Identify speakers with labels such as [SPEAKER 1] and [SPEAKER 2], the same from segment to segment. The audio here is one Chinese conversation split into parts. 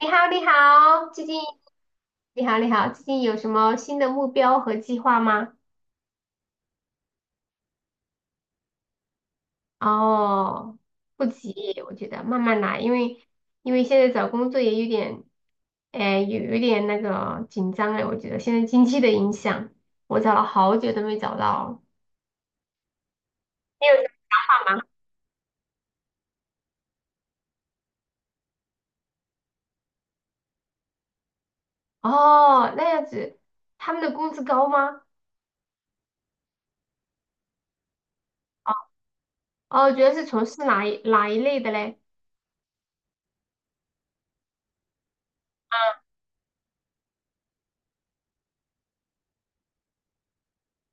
[SPEAKER 1] 你好，你好，最近你好，你好，最近有什么新的目标和计划吗？哦，不急，我觉得慢慢来，因为现在找工作也有点，哎，有点那个紧张哎，我觉得现在经济的影响，我找了好久都没找到。你有什么想法吗？哦，那样子，他们的工资高吗？哦，主要是从事哪一类的嘞？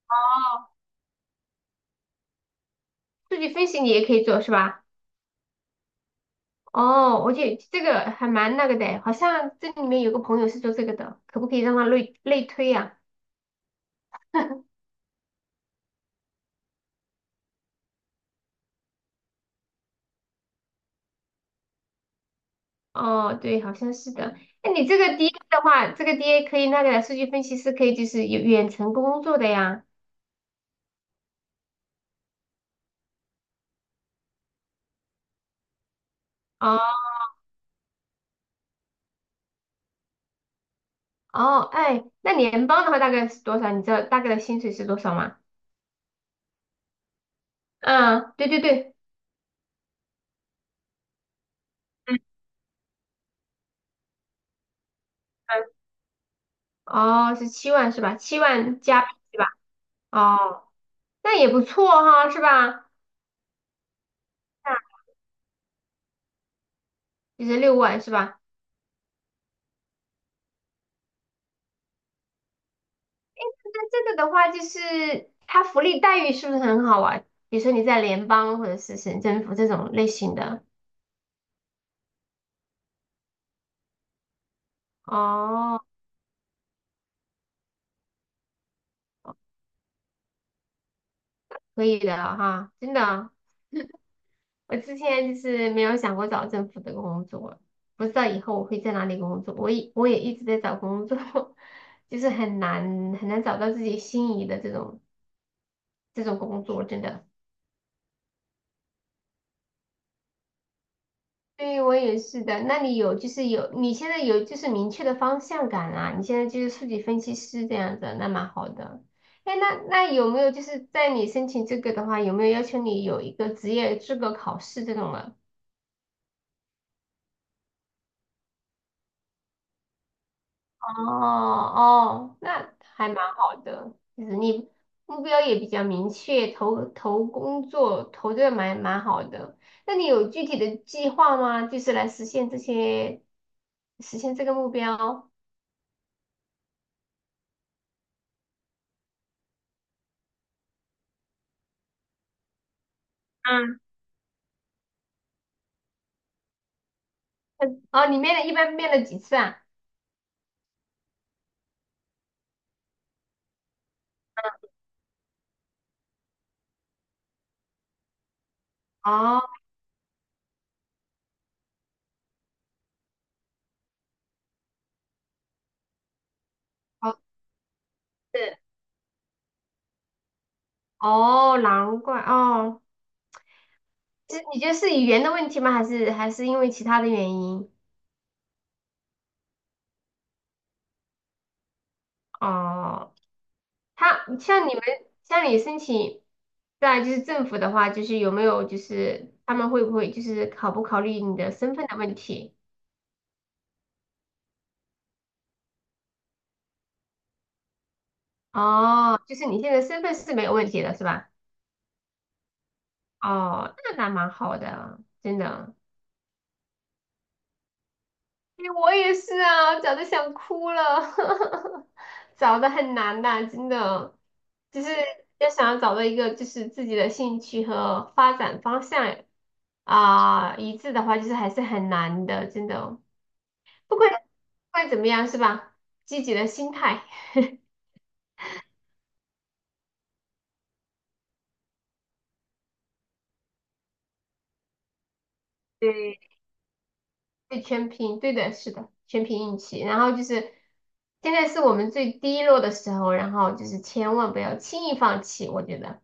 [SPEAKER 1] 哦，数据分析你也可以做是吧？哦，我觉得这个还蛮那个的，好像这里面有个朋友是做这个的，可不可以让他类推呀、哦，对，好像是的。那你这个 DA 的话，这个 DA 可以那个的数据分析师可以就是有远程工作的呀。哦哦，哎，那联邦的话大概是多少？你知道大概的薪水是多少吗？嗯，对对对，嗯嗯，哦，是七万是吧？七万加对吧？哦，那也不错哈，是吧？那就是六万是吧？那这个的话，就是它福利待遇是不是很好啊？比如说你在联邦或者是省政府这种类型的，哦，可以的哈，真的。我之前就是没有想过找政府的工作，不知道以后我会在哪里工作。我也一直在找工作，就是很难很难找到自己心仪的这种工作，真的。对，我也是的。那你有就是有，你现在有就是明确的方向感啦、你现在就是数据分析师这样子，那蛮好的。哎，那有没有就是在你申请这个的话，有没有要求你有一个职业资格考试这种的？哦哦，那还蛮好的，就是你目标也比较明确，投工作投的蛮好的。那你有具体的计划吗？就是来实现这些，实现这个目标？哦，你面了一般面了几次啊？哦，好是哦，难怪哦。这你觉得是语言的问题吗？还是因为其他的原因？哦，他像你们像你申请在就是政府的话，就是有没有就是他们会不会就是考不考虑你的身份的问题？哦，就是你现在身份是没有问题的是吧？哦，那蛮好的，真的。哎我也是啊，找的想哭了，找的很难的，真的，就是要想要找到一个就是自己的兴趣和发展方向啊、一致的话，就是还是很难的，真的。不管怎么样，是吧？积极的心态，对，对，全凭，对的，是的，全凭运气。然后就是现在是我们最低落的时候，然后就是千万不要轻易放弃，我觉得。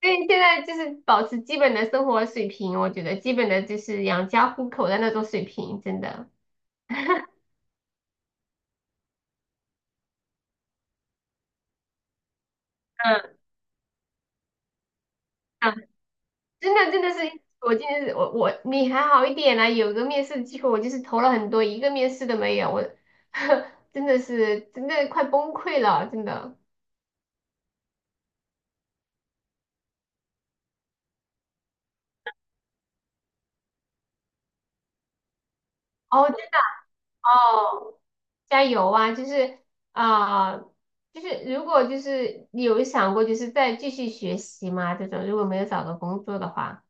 [SPEAKER 1] 对，现在就是保持基本的生活水平，我觉得基本的就是养家糊口的那种水平，真的。嗯，嗯，真的是，我今天是我你还好一点啦、有个面试的机会，我就是投了很多，一个面试都没有，我 真的是真的快崩溃了，真的。哦真哦，加油啊！就是啊、就是如果就是你有想过就是再继续学习吗？这种如果没有找到工作的话，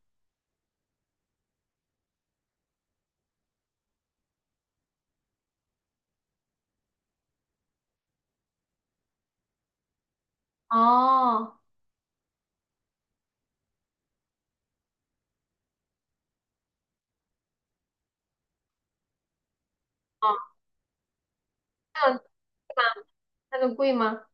[SPEAKER 1] 哦哦，这样。子那个贵吗？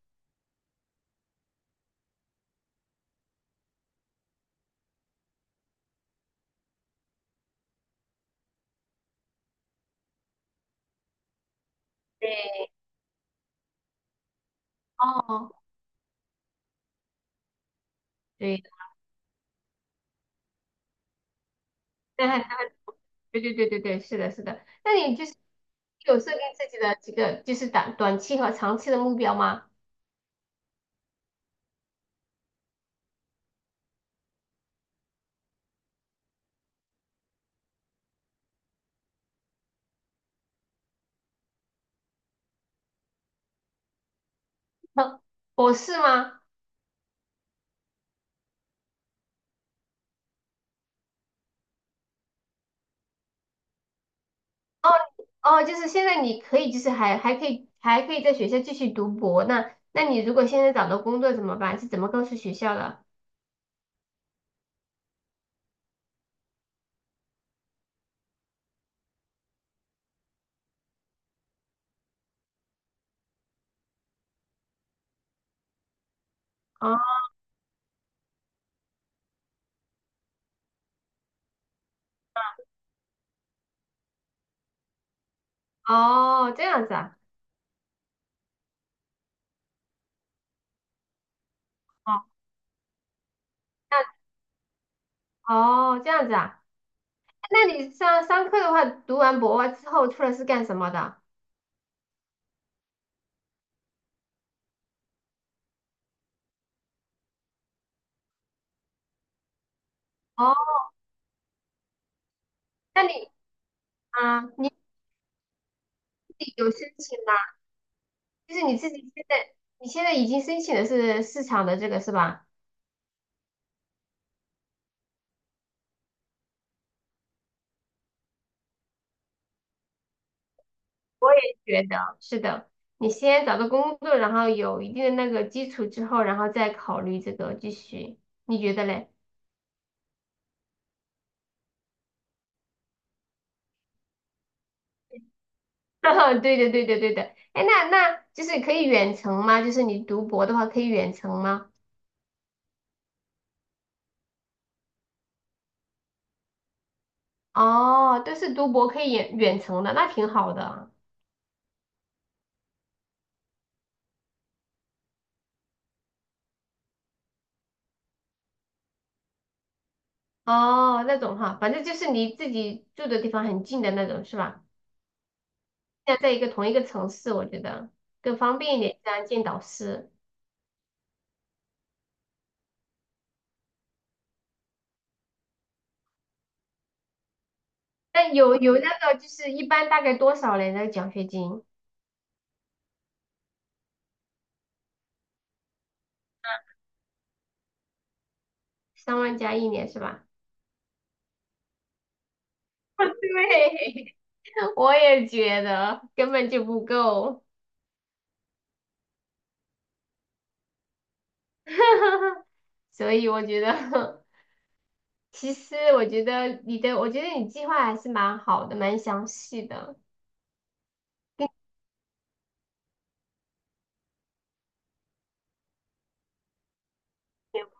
[SPEAKER 1] 对，哦，对，但还对对对对对，是的，是的。那你就是有设定自己的几个就是短期和长期的目标吗？博士吗？哦，就是现在你可以，就是还可以，还可以在学校继续读博。那你如果现在找到工作怎么办？是怎么告诉学校的？哦哦，这样子啊。哦，那哦这样子啊。那你上课的话，读完博之后出来是干什么的？哦，那你啊，你自己有申请吗？就是你自己现在，你现在已经申请的是市场的这个是吧？我也觉得是的。你先找到工作，然后有一定的那个基础之后，然后再考虑这个继续，你觉得嘞？对的，对的，对的。哎，那就是可以远程吗？就是你读博的话可以远程吗？哦，都是读博可以远程的，那挺好的。哦，那种哈，反正就是离自己住的地方很近的那种是吧？现在在一个同一个城市，我觉得更方便一点，这样见导师。但有那个就是一般大概多少嘞？那个奖学金三万加一年是吧？对，我也觉得根本就不够，所以我觉得，其实我觉得你的，我觉得你计划还是蛮好的，蛮详细的，并且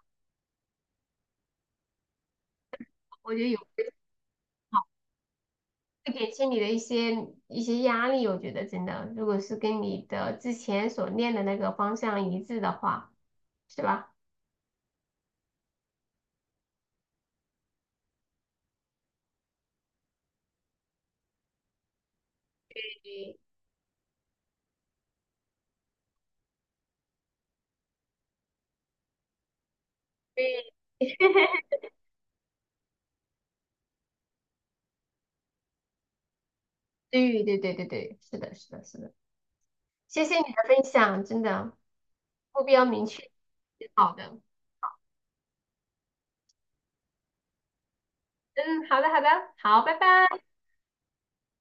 [SPEAKER 1] 我觉得有会减轻你的一些压力。我觉得真的，如果是跟你的之前所练的那个方向一致的话。是吧？对对 对对对对对，是的，是的，是的，谢谢你的分享，真的目标明确，挺好的。嗯，好的，好的，好，拜拜。